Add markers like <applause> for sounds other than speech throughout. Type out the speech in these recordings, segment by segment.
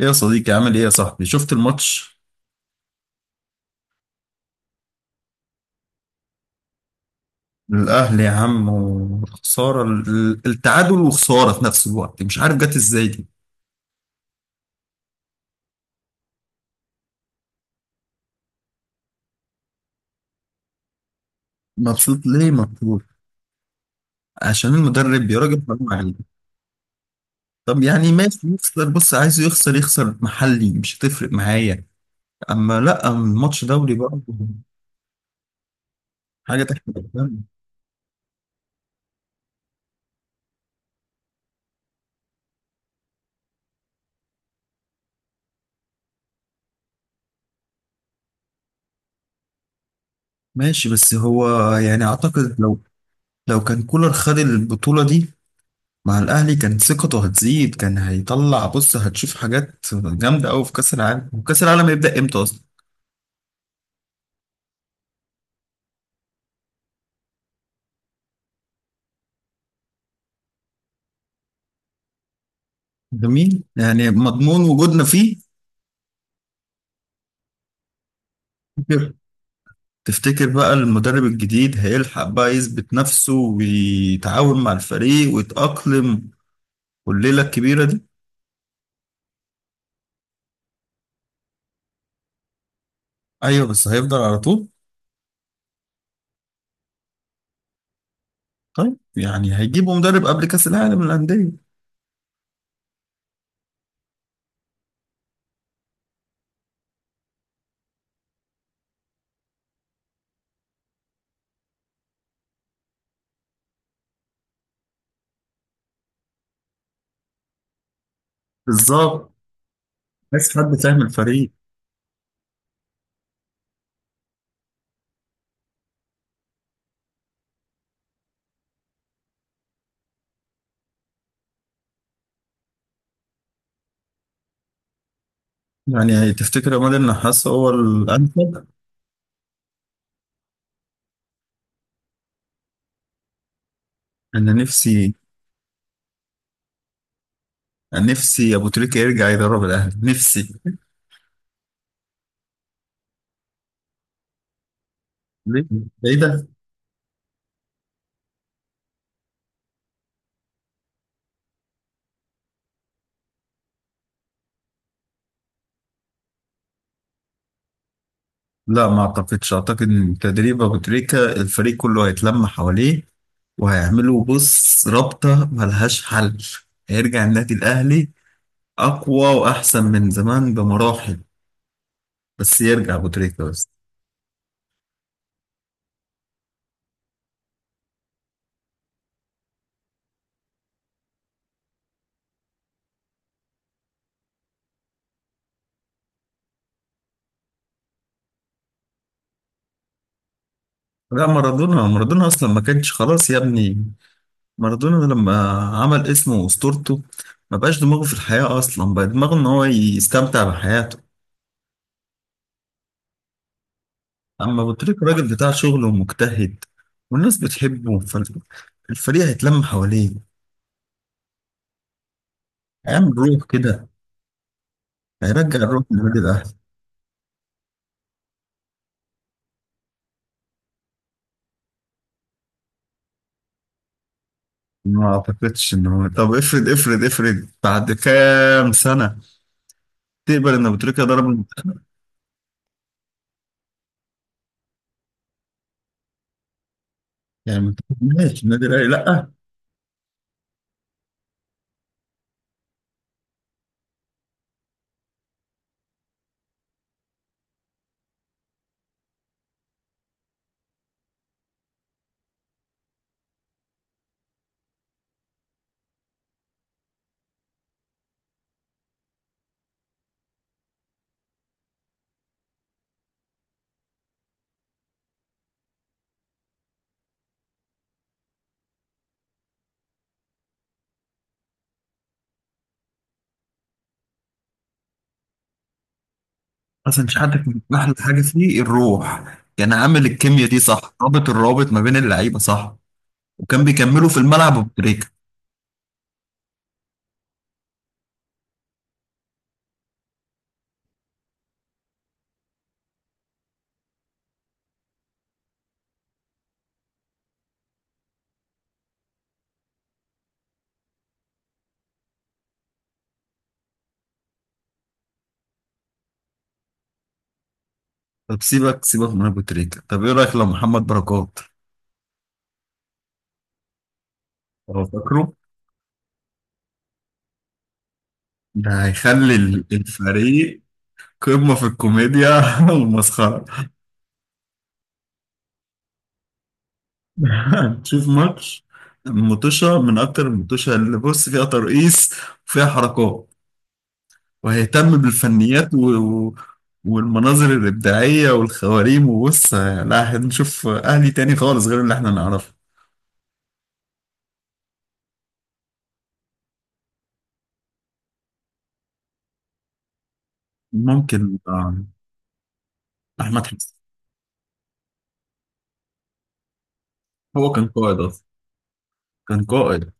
ايه يا صديقي، عامل ايه يا صاحبي؟ شفت الماتش؟ الاهلي يا عم. وخساره التعادل وخساره في نفس الوقت، مش عارف جت ازاي دي. مبسوط ليه مبسوط؟ عشان المدرب يا راجل، حرام عليك. طب يعني ماشي يخسر. بص، عايزه يخسر، يخسر محلي مش هتفرق معايا. اما لا، الماتش دولي بقى. حاجه تحت الأحلام. ماشي، بس هو يعني اعتقد لو كان كولر خد البطوله دي مع الأهلي كانت ثقته هتزيد، كان هيطلع. بص، هتشوف حاجات جامدة أوي في كأس العالم. وكأس العالم هيبدأ إمتى أصلا؟ جميل، يعني مضمون وجودنا فيه. تفتكر بقى المدرب الجديد هيلحق بقى يثبت نفسه ويتعاون مع الفريق ويتأقلم والليلة الكبيرة دي؟ أيوه، بس هيفضل على طول؟ طيب يعني هيجيبوا مدرب قبل كأس العالم للأندية؟ بالظبط. بس حد فاهم الفريق؟ يعني تفتكر عماد النحاس هو الأنسب؟ أنا نفسي ابو تريكة يرجع يدرب الاهلي، نفسي. ليه؟ ايه ده؟ لا ما اعتقدش. اعتقد ان تدريب ابو تريكة الفريق كله هيتلم حواليه، وهيعملوا بص رابطة ملهاش حل. هيرجع النادي الاهلي اقوى واحسن من زمان بمراحل، بس يرجع ابو تريكة بس. لا، مارادونا. مارادونا اصلا ما كانش، خلاص يا ابني. مارادونا لما عمل اسمه واسطورته ما بقاش دماغه في الحياة اصلا، بقى دماغه ان هو يستمتع بحياته. اما ابو تريكه راجل بتاع شغل ومجتهد، والناس بتحبه، فالفريق هيتلم حواليه، هيعمل روح كده، هيرجع الروح للنادي الاهلي. ما اعتقدش ان هو، طب افرض افرض افرض بعد كام سنه تقبل ان ابو تريكه ضرب المنتخب؟ يعني ما تقبلهاش النادي الاهلي، لا. حسن شحاته كان احلى حاجه فيه الروح، كان عامل الكيمياء دي صح، رابط الروابط ما بين اللعيبه صح. وكان بيكملوا في الملعب ابو تريكه. طب سيبك سيبك من ابو تريكه، طب ايه رايك لو محمد بركات؟ هو فاكره؟ ده هيخلي الفريق قمة في الكوميديا <laughs> والمسخرة. <laughs> هنشوف ماتش مطوشة، من أكتر المطوشة اللي بص فيها ترقيص وفيها حركات، وهيهتم بالفنيات و- والمناظر الإبداعية والخواريم. وبص، لا هنشوف أهلي تاني خالص غير اللي احنا نعرفه. ممكن. أحمد حسن. هو كان قائد أصلا، كان قائد.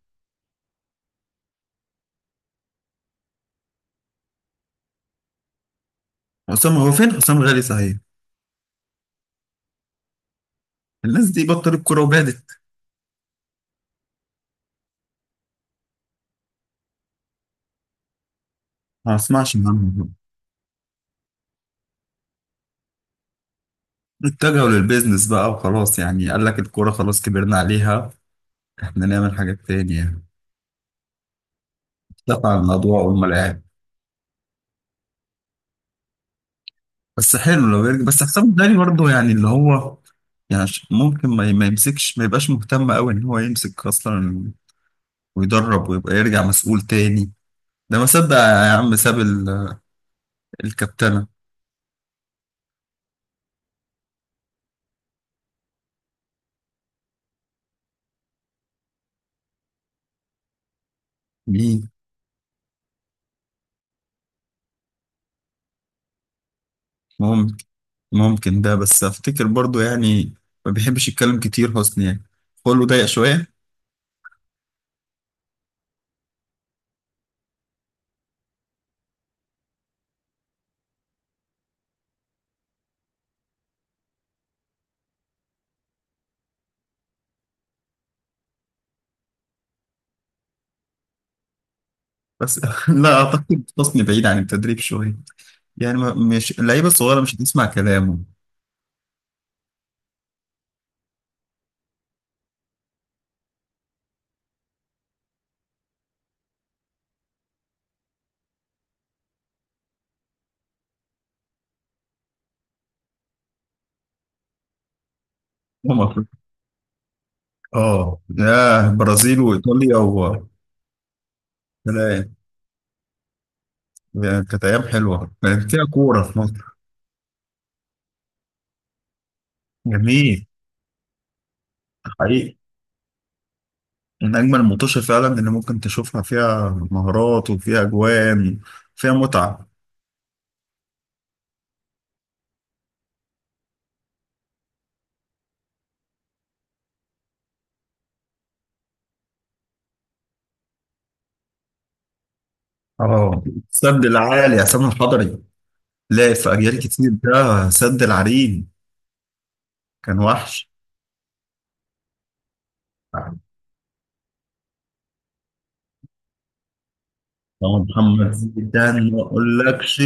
حسام، هو فين حسام غالي صحيح؟ الناس دي بطلت كورة وبعدت، ما أسمعش عنهم. اتجهوا للبيزنس بقى وخلاص، يعني قال لك الكورة خلاص كبرنا عليها، احنا نعمل حاجات تانية يعني. دفع الموضوع وهم لعب. بس حلو لو يرجع، بس حسام الداني برضه، يعني اللي هو يعني ممكن ما يمسكش، ما يبقاش مهتم قوي ان هو يمسك اصلا، ويدرب ويبقى يرجع مسؤول تاني. ده ما صدق يا عم، ساب الكابتنة. مين ممكن؟ ممكن ده، بس افتكر برضه يعني ما بيحبش يتكلم كتير حسني، يعني خلقه ضيق شوية. بس <laughs> لا اعتقد حسني بعيد عن التدريب شوية، يعني مش اللعيبه الصغيره مش هتسمع كلامه. هم أفريقيا. اه، يا برازيل وايطاليا كلام. يعني كانت ايام حلوه، كانت فيها كوره في مصر. جميل. حقيقي. من اجمل الماتشات فعلا اللي ممكن تشوفها، فيها مهارات وفيها اجوان، فيها متعه. اه، السد العالي عصام الحضري. لا، في اجيال كتير، ده سد العرين. كان وحش. طبعا محمد زيدان ما اقولكش.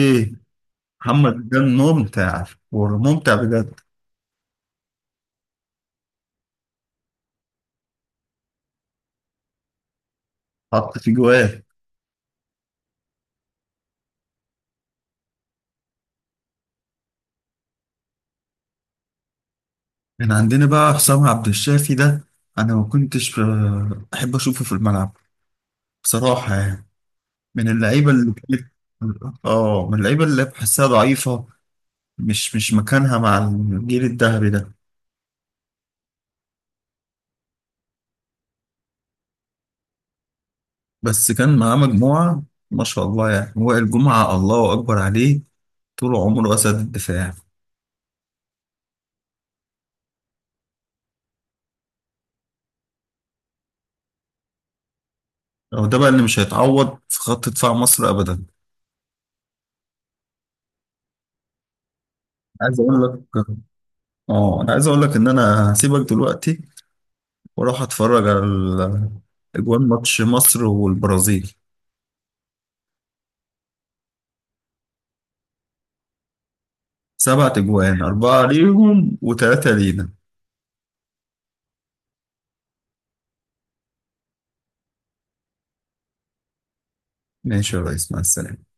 محمد زيدان ممتع، وممتع بجد. حط في جواه. كان عندنا بقى حسام عبد الشافي ده. انا ما كنتش احب اشوفه في الملعب، بصراحه يعني، من اللعيبه اللي كانت، اه، من اللعيبه اللي بحسها ضعيفه، مش مكانها مع الجيل الذهبي ده. بس كان معاه مجموعه ما شاء الله، يعني وائل جمعه الله اكبر عليه، طول عمره اسد الدفاع. هو ده بقى اللي مش هيتعوض في خط دفاع مصر ابدا. عايز اقول لك. ان انا هسيبك دلوقتي واروح اتفرج على اجوان ماتش مصر والبرازيل. سبعة اجوان، اربعة ليهم وثلاثة لينا. ماشي يا ريس، مع السلامة.